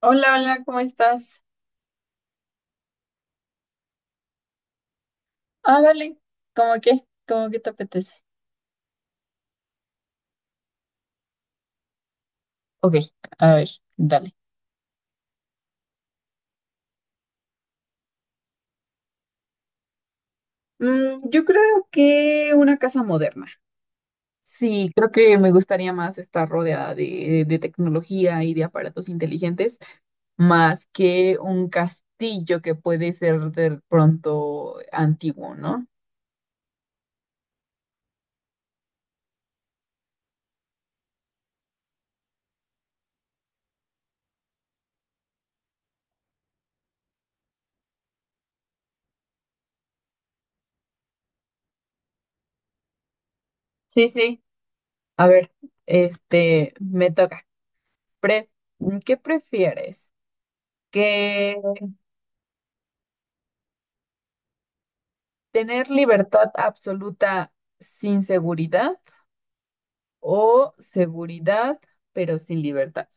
Hola, hola, ¿cómo estás? Ah, vale. ¿Cómo qué? ¿Cómo que te apetece? Ok, a ver, dale. Yo creo que una casa moderna. Sí, creo que me gustaría más estar rodeada de tecnología y de aparatos inteligentes, más que un castillo que puede ser de pronto antiguo, ¿no? Sí, sí. A ver, este, me toca. Pref- ¿Qué prefieres? Que ¿Tener libertad absoluta sin seguridad o seguridad pero sin libertad?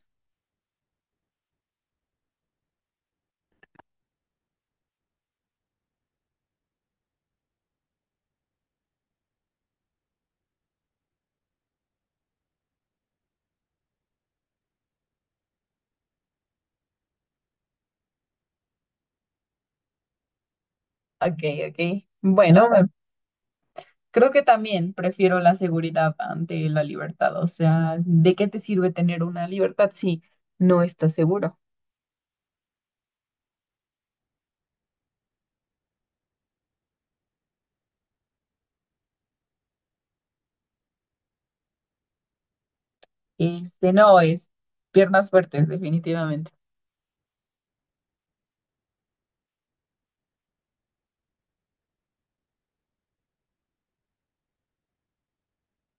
Ok, ok. Creo que también prefiero la seguridad ante la libertad. O sea, ¿de qué te sirve tener una libertad si no estás seguro? Este no es piernas fuertes, definitivamente.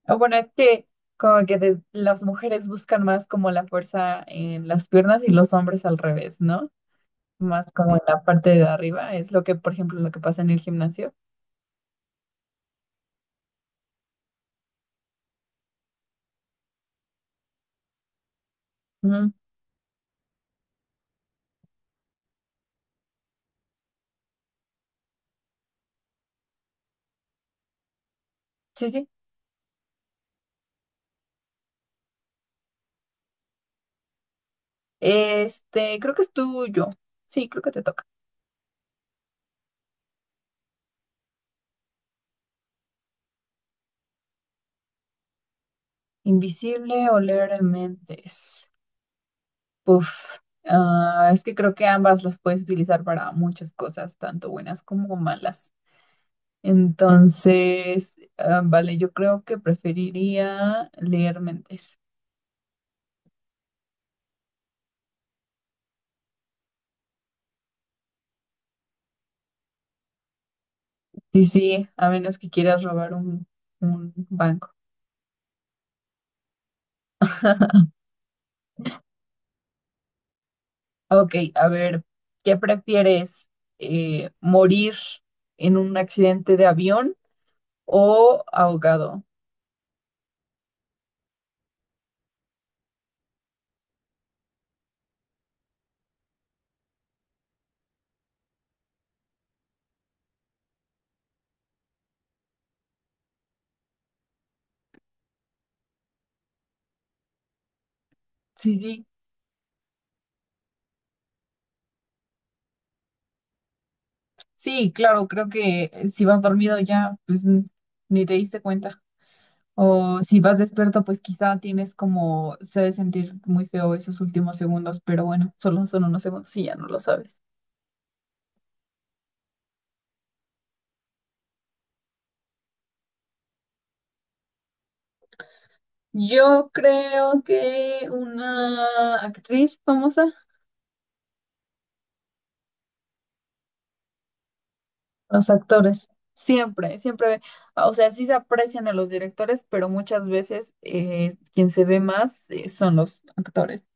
O bueno, es que como que las mujeres buscan más como la fuerza en las piernas y los hombres al revés, ¿no? Más como en la parte de arriba, es lo que, por ejemplo, lo que pasa en el gimnasio. Ujú. Sí, sí. Este, creo que es tuyo. Sí, creo que te toca. ¿Invisible o leer mentes? Uf. Ah, es que creo que ambas las puedes utilizar para muchas cosas, tanto buenas como malas. Entonces, ah, vale, yo creo que preferiría leer mentes. Sí, sí, a menos que quieras robar un banco. Ok, a ver, ¿qué prefieres? ¿Morir en un accidente de avión o ahogado? Sí, sí, sí, claro, creo que si vas dormido ya, ni te diste cuenta. O si vas despierto, pues quizá tienes como, se ha de sentir muy feo esos últimos segundos, pero bueno, solo son unos segundos y ya no lo sabes. Yo creo que una actriz famosa. Los actores, siempre, siempre, o sea, sí se aprecian a los directores, pero muchas veces quien se ve más son los actores.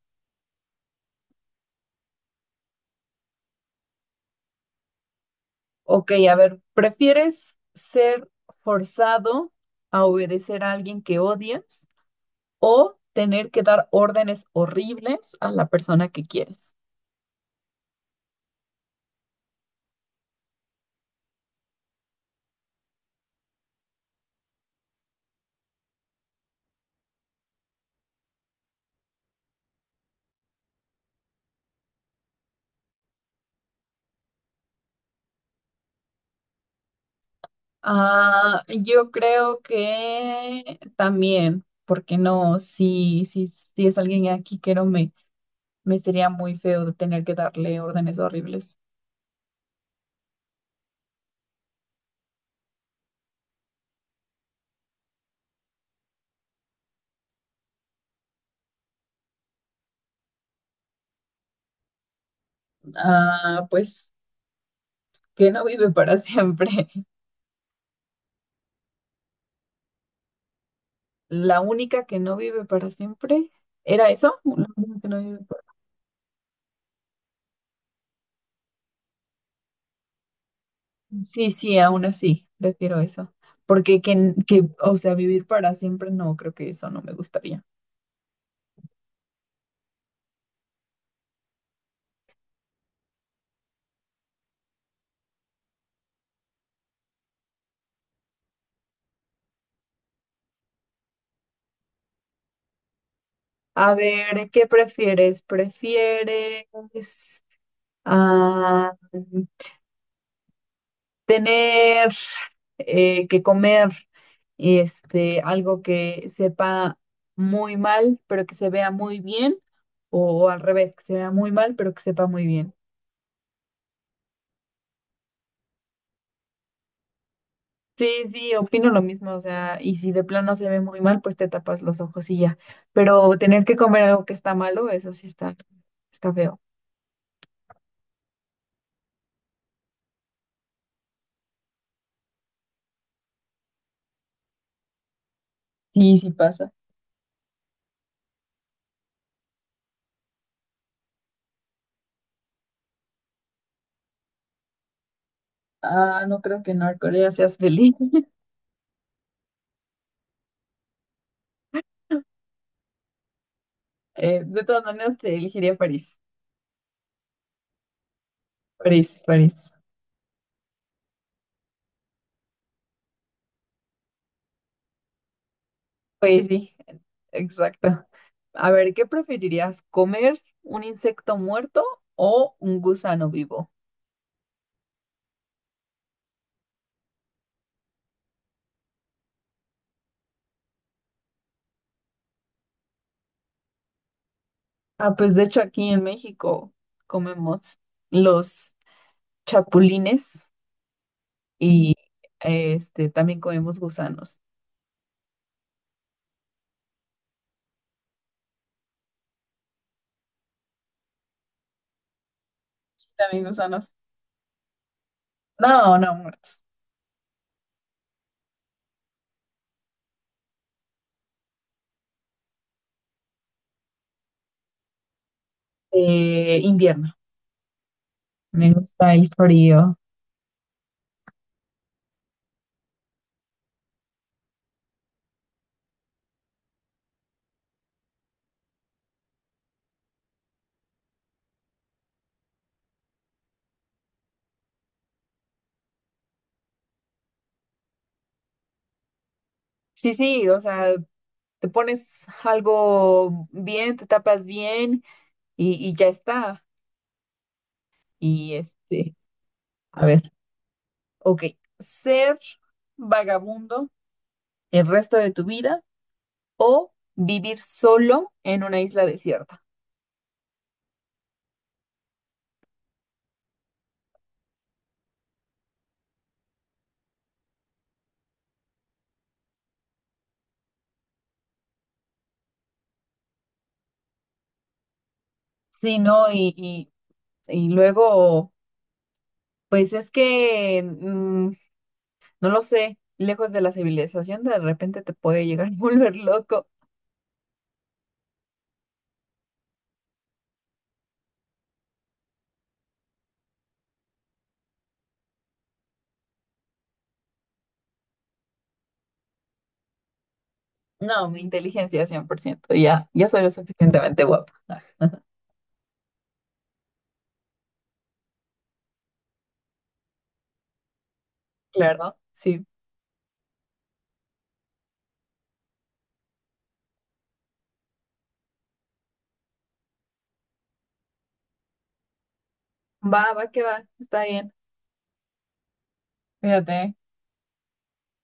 Ok, a ver, ¿prefieres ser forzado a obedecer a alguien que odias o tener que dar órdenes horribles a la persona que quieres? Ah, yo creo que también, porque no, si es alguien aquí que no me, me sería muy feo de tener que darle órdenes horribles. Ah, pues que no vive para siempre. La única que no vive para siempre, ¿era eso? La única que no vive sí. Sí, aún así, prefiero eso. Porque o sea, vivir para siempre, no, creo que eso no me gustaría. A ver, ¿qué prefieres? ¿Prefieres ah, tener que comer este, algo que sepa muy mal, pero que se vea muy bien, o, al revés, que se vea muy mal, pero que sepa muy bien? Sí, sí, opino lo mismo, o sea, y si de plano se ve muy mal, pues te tapas los ojos y ya. Pero tener que comer algo que está malo, eso sí está feo. Sí, sí pasa. Ah, no creo que en Corea seas feliz. De todas maneras, te elegiría París. París, París. Pues sí, exacto. A ver, ¿qué preferirías? ¿Comer un insecto muerto o un gusano vivo? Ah, pues de hecho aquí en México comemos los chapulines y este también comemos gusanos. También gusanos. No, no, muertos. Invierno. Me gusta el frío. Sí, sí, o sea, te pones algo bien, te tapas bien y ya está. Y este, a ver. Ok, ser vagabundo el resto de tu vida o vivir solo en una isla desierta. Sí, ¿no? Y luego, pues es que, no lo sé, lejos de la civilización de repente te puede llegar a volver loco. No, mi inteligencia cien por ciento. Ya, ya soy lo suficientemente guapa. Claro, sí. Va, va que va, está bien. Fíjate,